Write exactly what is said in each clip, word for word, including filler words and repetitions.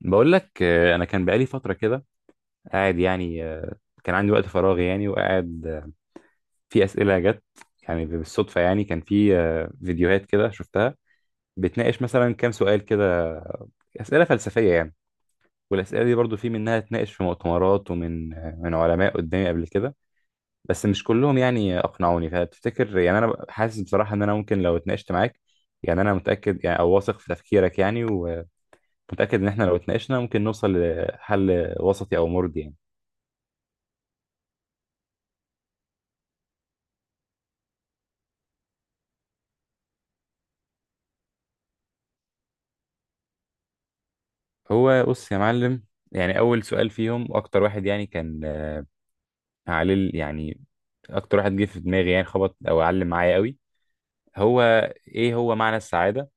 بقول لك، آه، انا كان بقالي فتره كده قاعد يعني، آه، كان عندي وقت فراغ يعني وقاعد، آه، في اسئله جت يعني بالصدفه. يعني كان في آه، فيديوهات كده شفتها بتناقش مثلا كام سؤال كده، اسئله فلسفيه يعني. والاسئله دي برضو في منها اتناقش في مؤتمرات ومن آه، من علماء قدامي قبل كده. بس مش كلهم يعني اقنعوني. فتفتكر يعني انا حاسس بصراحه ان انا ممكن لو اتناقشت معاك، يعني انا متاكد يعني او واثق في تفكيرك يعني ومتاكد ان احنا لو اتناقشنا ممكن نوصل لحل وسطي او مرضي يعني. هو بص يا معلم، يعني اول سؤال فيهم اكتر واحد يعني كان، آه، عليه ال- يعني اكتر واحد جه في دماغي يعني خبط او علم معايا قوي. هو ايه هو معنى السعاده؟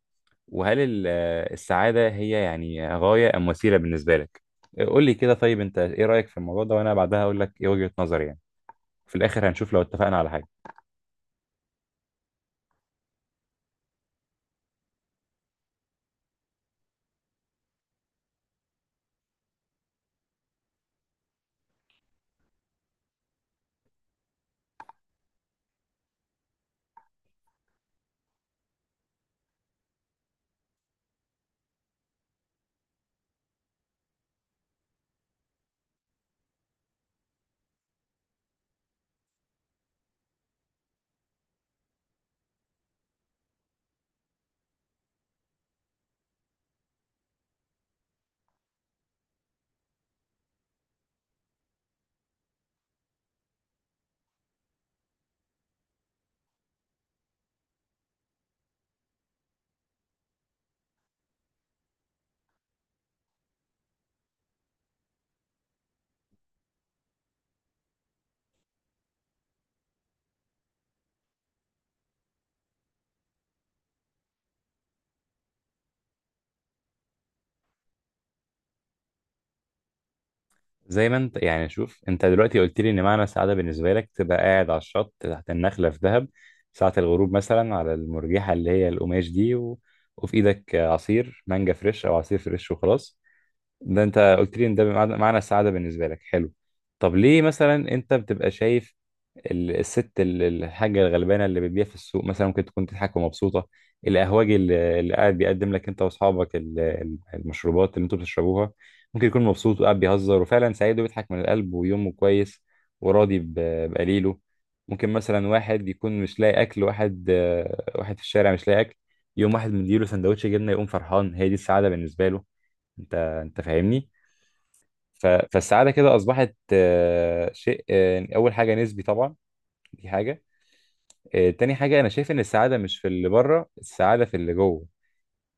وهل ال- آه، السعاده هي يعني غايه ام وسيله بالنسبه لك؟ آه، قول لي كده. طيب انت ايه رايك في الموضوع ده؟ وانا بعدها اقول لك ايه وجهه نظري يعني. في الاخر هنشوف لو اتفقنا على حاجه. زي ما انت يعني، شوف انت دلوقتي قلت لي ان معنى السعاده بالنسبه لك تبقى قاعد على الشط تحت النخله في دهب ساعه الغروب مثلا، على المرجحه اللي هي القماش دي، و... وفي ايدك عصير مانجا فريش او عصير فريش وخلاص. ده انت قلت لي ان ده بمعنى- معنى السعاده بالنسبه لك. حلو. طب ليه مثلا انت بتبقى شايف ال- الست ال- الحاجة الغلبانة اللي بتبيع في السوق مثلا ممكن تكون تضحك ومبسوطة؟ القهوجي اللي اللي قاعد بيقدم لك انت واصحابك ال- ال- المشروبات اللي انتوا بتشربوها ممكن يكون مبسوط وقاعد بيهزر وفعلا سعيد وبيضحك من القلب ويومه كويس وراضي ب- بقليله. ممكن مثلا واحد يكون مش لاقي اكل، واحد، آه، واحد في الشارع مش لاقي اكل، يوم واحد مديله سندوتش جبنة يقوم فرحان، هي دي السعادة بالنسبة له. انت انت فاهمني. ف- فالسعادة كده اصبحت، آه، شيء، آه، يعني اول حاجة نسبي طبعا، دي حاجة. آه، تاني حاجة، أنا شايف إن السعادة مش في اللي بره، السعادة في اللي جوه.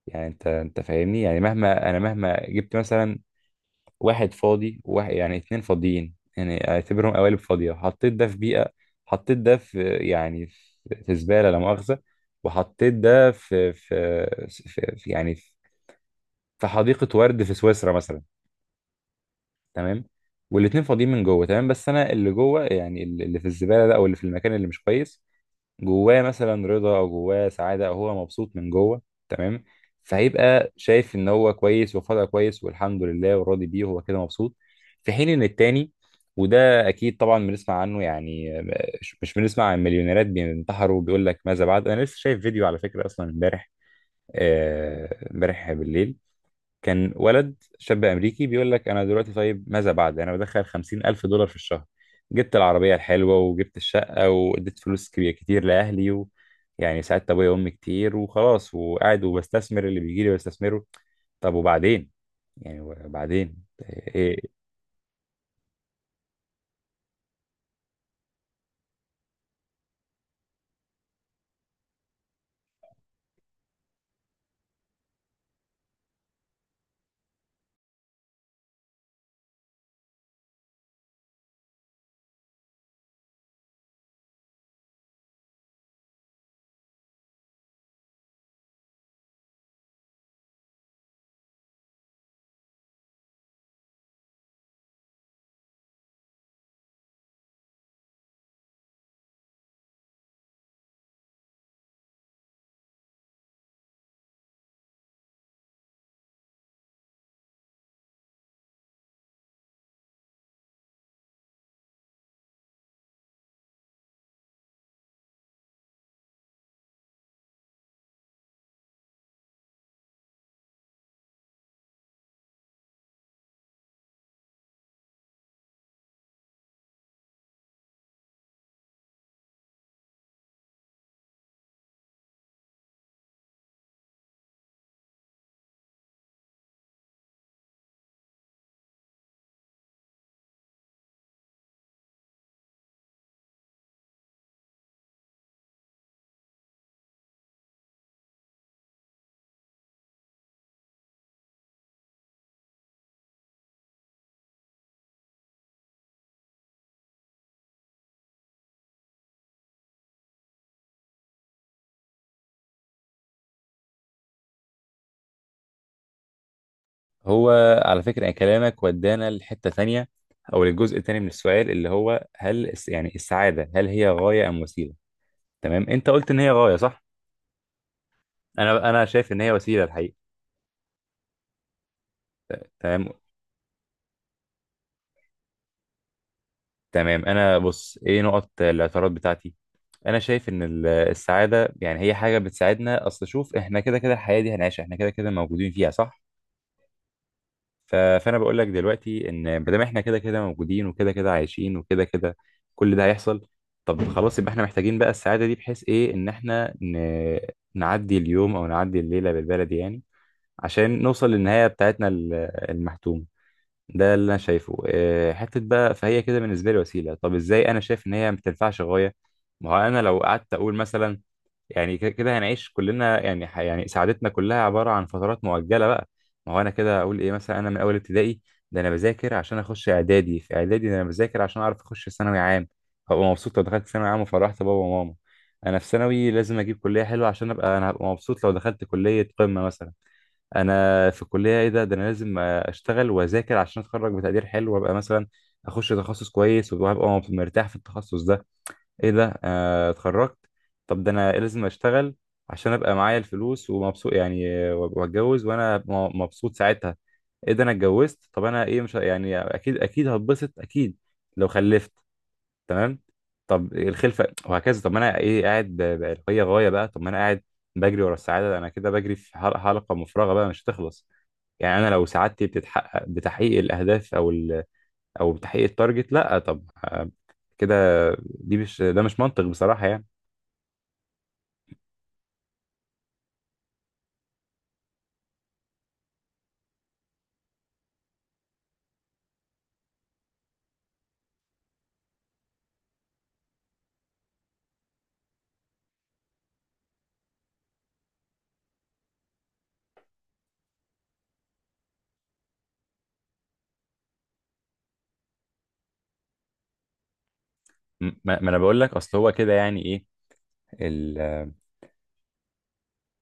يعني أنت أنت فاهمني، يعني مهما أنا مهما جبت مثلا واحد فاضي وواحد، يعني اتنين فاضيين، يعني أعتبرهم قوالب فاضية، حطيت ده في بيئة، حطيت ده في يعني في في زبالة لا مؤاخذة، وحطيت ده في في, في, في يعني في في حديقة ورد في سويسرا مثلا. تمام. والاتنين فاضيين من جوه. تمام. بس أنا اللي جوه، يعني اللي اللي في الزبالة ده أو اللي في المكان اللي مش كويس، جواه مثلا رضا او جواه سعاده او هو مبسوط من جوه. تمام. فهيبقى شايف ان هو كويس وفضل كويس والحمد لله وراضي بيه وهو كده مبسوط، في حين ان التاني، وده اكيد طبعا بنسمع عنه يعني. مش مش بنسمع عن مليونيرات بينتحروا وبيقول لك ماذا بعد؟ انا لسه شايف فيديو على فكره اصلا امبارح، آه، امبارح بالليل، كان ولد شاب امريكي بيقول لك انا دلوقتي طيب ماذا بعد؟ انا بدخل خمسين الف دولار في الشهر، جبت العربيه الحلوه وجبت الشقه واديت فلوس كبيره كتير لاهلي، و... يعني ساعدت ابويا وامي كتير وخلاص، وقاعد وبستثمر اللي بيجي لي بستثمره. طب وبعدين؟ يعني وبعدين؟ إيه. هو على فكره يعني كلامك ودانا لحته ثانيه او للجزء الثاني من السؤال اللي هو هل الس- يعني السعاده هل هي غايه ام وسيله. تمام. انت قلت ان هي غايه صح. انا انا شايف ان هي وسيله الحقيقه. تمام. تمام، انا بص ايه نقط الاعتراض بتاعتي. انا شايف ان ال- السعاده يعني هي حاجه بتساعدنا. اصل شوف احنا كده كده الحياه دي هنعيشها، احنا كده كده موجودين فيها صح؟ ف- فانا بقول لك دلوقتي ان ما دام احنا كده كده موجودين وكده كده عايشين وكده كده، كل ده هيحصل. طب خلاص، يبقى احنا محتاجين بقى السعاده دي بحيث ايه، ان احنا ن... نعدي اليوم او نعدي الليله بالبلدي يعني، عشان نوصل للنهايه بتاعتنا ال- المحتومه. ده اللي انا شايفه، آه، حته بقى. فهي كده بالنسبه لي وسيله. طب ازاي انا شايف ان هي ما تنفعش غايه؟ ما هو انا لو قعدت اقول مثلا، يعني ك- كده هنعيش كلنا يعني ح- يعني سعادتنا كلها عباره عن فترات مؤجله بقى. ما هو انا كده اقول ايه مثلا، انا من اول ابتدائي ده انا بذاكر عشان اخش اعدادي، في اعدادي ده انا بذاكر عشان اعرف اخش ثانوي عام، هبقى مبسوط لو دخلت ثانوي عام وفرحت بابا وماما. انا في ثانوي لازم اجيب كليه حلوه عشان ابقى، انا هبقى مبسوط لو دخلت كليه قمه مثلا. انا في الكليه ايه ده، ده انا لازم اشتغل واذاكر عشان اتخرج بتقدير حلو وابقى مثلا اخش تخصص كويس وابقى مرتاح في التخصص ده. ايه ده، آه، اتخرجت. طب ده انا لازم اشتغل عشان ابقى معايا الفلوس ومبسوط يعني، آه، واتجوز وانا م- مبسوط ساعتها. ايه ده، انا اتجوزت. طب انا ايه، مش ه- يعني اكيد اكيد هتبسط اكيد لو خلفت. تمام. طب الخلفه وهكذا. طب ما انا ايه قاعد ب- بأريحية غايه بقى. طب ما انا قاعد بجري ورا السعاده، انا كده بجري في حلقه، حلقة مفرغه بقى مش هتخلص. يعني انا لو سعادتي بتتحقق بتحقيق الاهداف او ال... او بتحقيق التارجت، لا. طب آه، كده، دي مش، ده مش منطق بصراحه يعني. م- ما ما انا بقول لك اصل هو كده يعني ايه، ال... آه،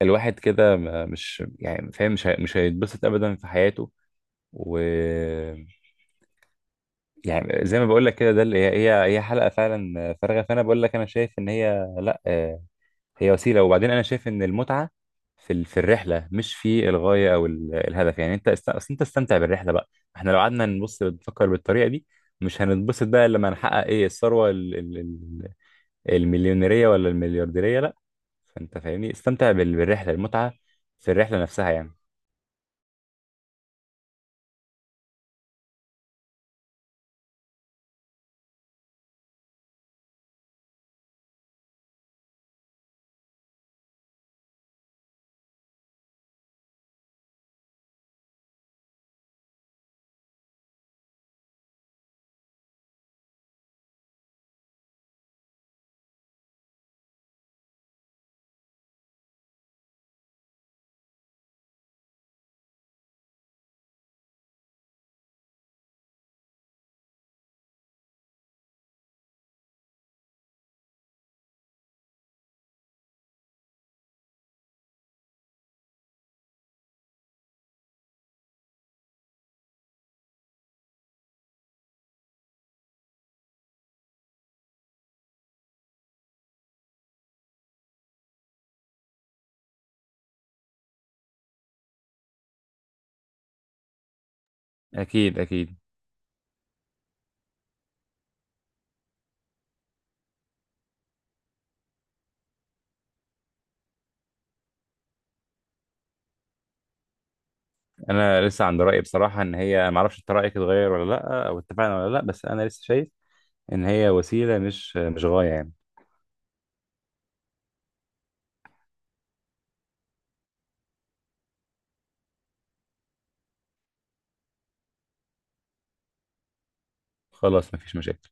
الواحد كده ما- مش يعني فاهم، مش هي... مش هيتبسط ابدا في حياته، و، يعني زي ما بقول لك كده، ده اللي هي هي هي حلقه فعلا فارغه. فانا بقول لك انا شايف ان هي لا، آه، هي وسيله. وبعدين انا شايف ان المتعه في ال- في الرحله مش في الغايه او ال- الهدف يعني. انت است... أصل انت استمتع بالرحله بقى. احنا لو قعدنا نبص نفكر بالطريقه دي مش هنتبسط بقى لما نحقق ايه الثروه ال... ال... ال- المليونيريه ولا المليارديريه، لا. فانت فاهمني، استمتع بال- بالرحله، المتعه في الرحله نفسها يعني. اكيد اكيد. انا لسه عند رايي بصراحه ان هي، ما اعرفش انت رايك اتغير ولا لا او اتفقنا ولا لا، بس انا لسه شايف ان هي وسيله مش مش غايه يعني. خلاص مفيش مشاكل.